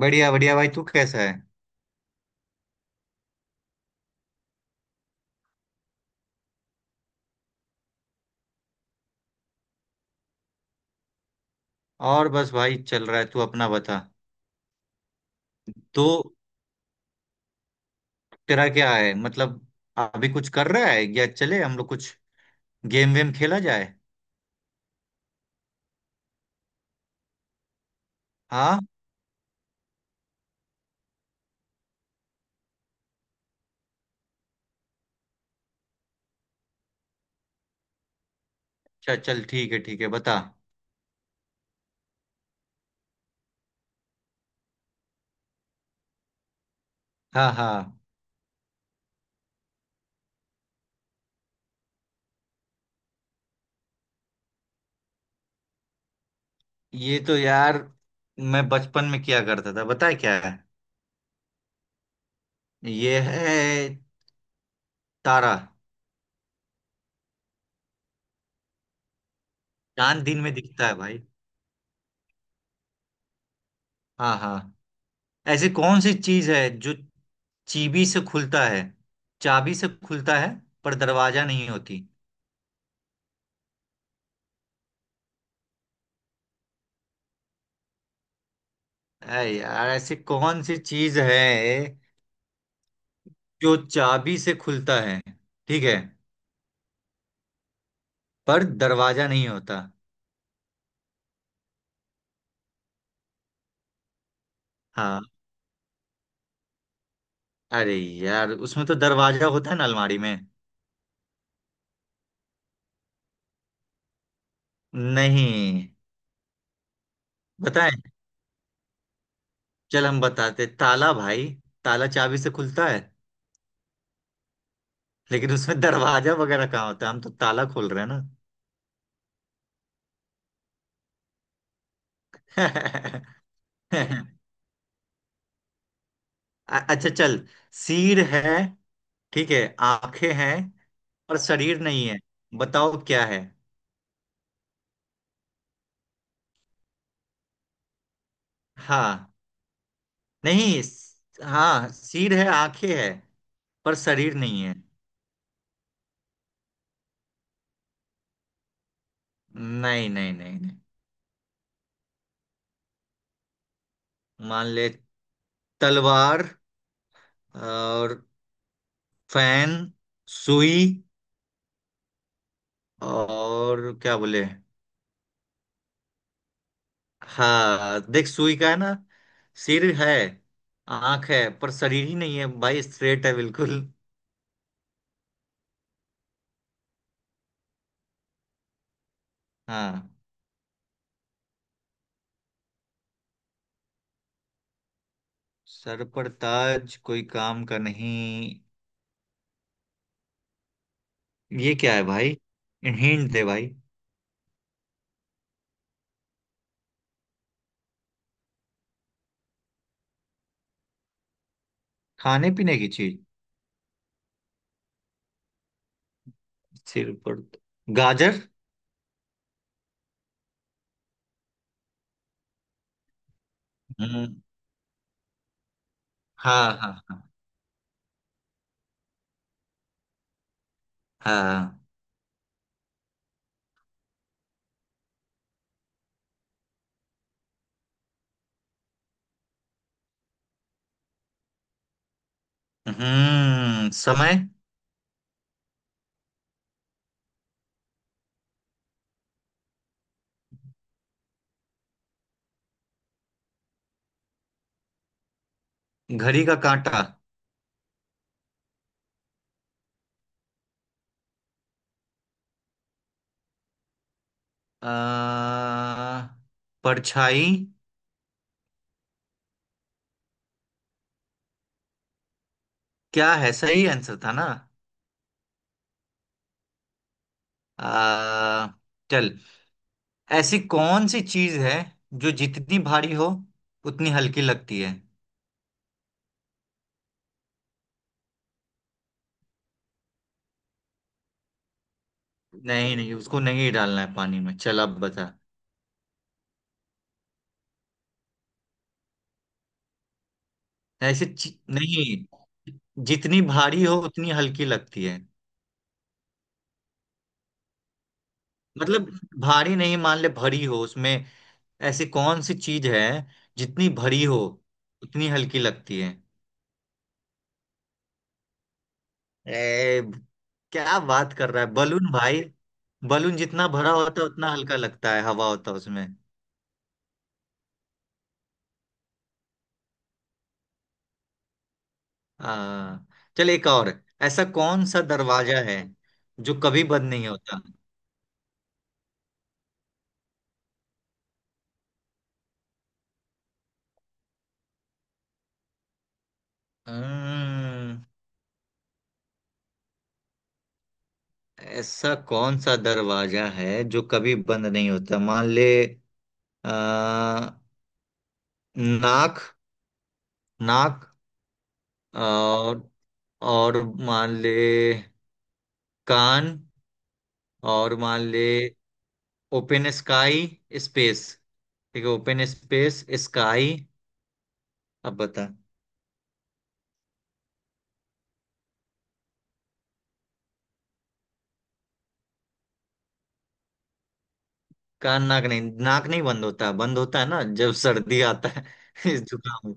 बढ़िया बढ़िया, भाई, तू कैसा है? और बस भाई, चल रहा है। तू अपना बता। तो तेरा क्या है, मतलब अभी कुछ कर रहा है या चले हम लोग कुछ गेम वेम खेला जाए? हाँ, अच्छा चल, ठीक है ठीक है, बता। हाँ हाँ। ये तो यार मैं बचपन में किया करता था। बता क्या है। ये है तारा। चांद दिन में दिखता है भाई। हाँ हाँ। ऐसी कौन सी चीज है जो चीबी से खुलता है चाबी से खुलता है, पर दरवाजा नहीं होती। अरे यार, ऐसी कौन सी चीज है जो चाबी से खुलता है, ठीक है, पर दरवाजा नहीं होता। हाँ। अरे यार, उसमें तो दरवाजा होता है ना, अलमारी में। नहीं। बताएं। चल हम बताते, ताला भाई। ताला चाबी से खुलता है। लेकिन उसमें दरवाजा वगैरह कहाँ होता है, हम तो ताला खोल रहे हैं ना। अच्छा चल। सिर है। ठीक है। आंखें हैं। पर शरीर नहीं है। बताओ क्या है। हाँ। नहीं, हाँ, सिर है, आंखें है। पर शरीर नहीं है। नहीं नहीं नहीं नहीं। मान ले। तलवार। और फैन, सुई, और क्या बोले। हाँ देख, सुई का है ना। सिर है। आंख है, पर शरीर ही नहीं है भाई। स्ट्रेट है बिल्कुल। हाँ। सर पर ताज, कोई काम का नहीं। ये क्या है भाई। हिंट दे भाई। खाने पीने की चीज। सिर पर। गाजर। हम्म। हाँ हाँ। हाँ हाँ। समय। घड़ी का कांटा। आ, परछाई। क्या है, सही आंसर था ना। आ, चल, ऐसी कौन सी चीज है जो जितनी भारी हो उतनी हल्की लगती है? नहीं नहीं, उसको नहीं डालना है पानी में। चल अब बता। नहीं। जितनी भारी हो उतनी हल्की लगती है। मतलब, भारी नहीं, मान ले भरी हो उसमें। ऐसी कौन सी चीज है, जितनी भरी हो उतनी हल्की लगती है? ए! क्या बात कर रहा है, बलून भाई। बलून जितना भरा होता है उतना हल्का लगता है, हवा होता है उसमें। आ, चल एक और। ऐसा कौन सा दरवाजा है जो कभी बंद नहीं होता? हम्म। ऐसा कौन सा दरवाजा है जो कभी बंद नहीं होता, मान ले। आ, नाक। नाक। और। और। मान ले। कान। और मान ले। Open sky. स्पेस। ठीक है, ओपन स्पेस स्काई। अब बता। कान नाक नहीं, नाक नहीं बंद होता, बंद होता है ना जब सर्दी आता है। इस जुकाम में।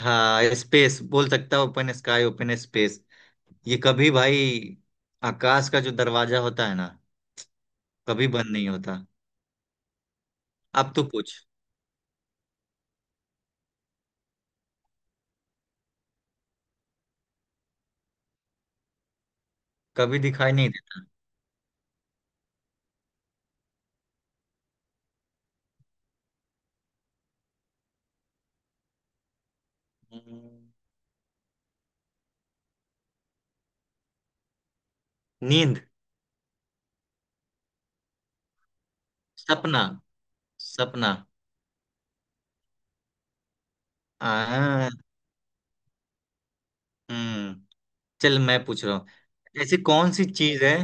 हाँ, स्पेस बोल सकता है, ओपन स्काई, ओपन स्पेस। ये कभी भाई, आकाश का जो दरवाजा होता है ना, कभी बंद नहीं होता। अब तो पूछ। कभी दिखाई नहीं देता। नींद। सपना। सपना। आ हम्म चल मैं पूछ रहा हूँ, ऐसी कौन सी चीज है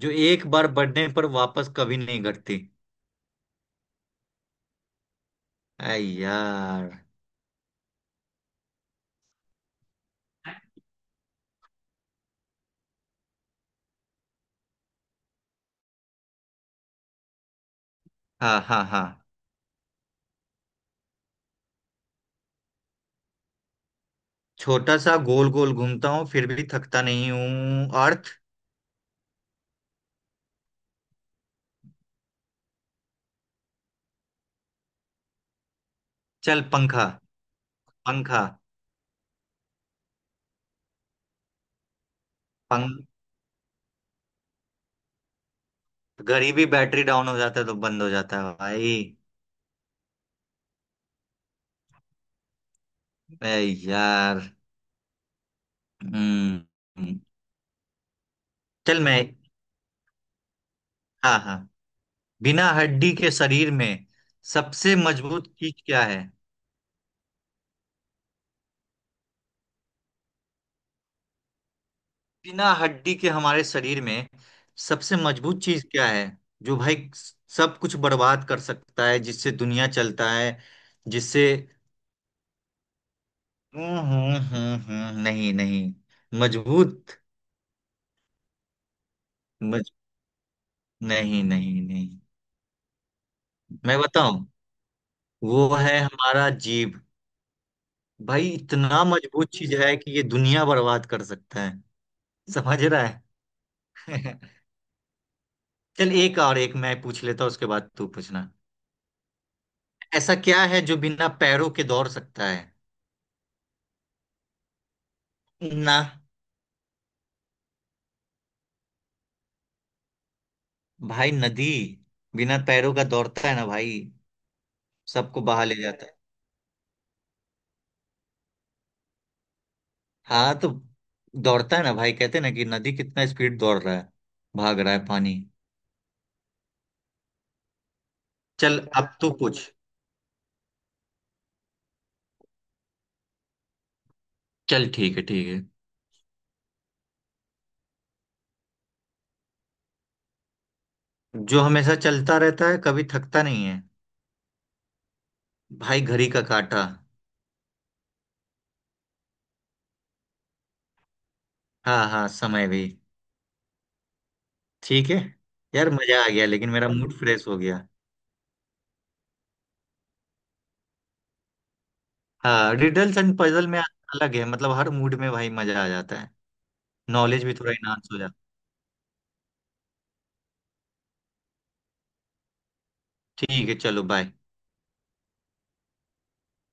जो एक बार बढ़ने पर वापस कभी नहीं घटती? आई यार। हाँ हाँ हाँ। छोटा सा गोल गोल घूमता हूँ फिर भी थकता नहीं हूँ, अर्थ? चल, पंखा। पंखा। पंख। घड़ी भी बैटरी डाउन हो जाता है तो बंद हो जाता है भाई। आई यार। हम्म हम्म। चल मैं। हाँ हाँ। बिना हड्डी के शरीर में सबसे मजबूत चीज क्या है? बिना हड्डी के हमारे शरीर में सबसे मजबूत चीज क्या है? जो भाई सब कुछ बर्बाद कर सकता है, जिससे दुनिया चलता है, जिससे। नहीं नहीं। मजबूत। मज नहीं नहीं नहीं। मैं बताऊं। वो है हमारा जीभ। भाई, इतना मजबूत चीज है कि ये दुनिया बर्बाद कर सकता है। समझ रहा है? चल, एक और, एक मैं पूछ लेता हूं, उसके बाद तू पूछना। ऐसा क्या है जो बिना पैरों के दौड़ सकता है? ना। भाई, नदी। बिना पैरों का दौड़ता है ना भाई। सबको बहा ले जाता है। हाँ तो दौड़ता है ना भाई, कहते हैं ना कि नदी कितना स्पीड दौड़ रहा है। भाग रहा है पानी। चल, अब तो कुछ। चल, ठीक है ठीक है। जो हमेशा चलता रहता है कभी थकता नहीं है? भाई, घड़ी का काटा। हाँ हाँ, समय भी। ठीक है। यार, मजा आ गया, लेकिन मेरा मूड फ्रेश हो गया। हाँ, रिडल्स एंड पजल में अलग है, मतलब हर मूड में भाई मजा आ जाता है। नॉलेज भी थोड़ा इनहांस हो जाता है, ठीक है, चलो बाय।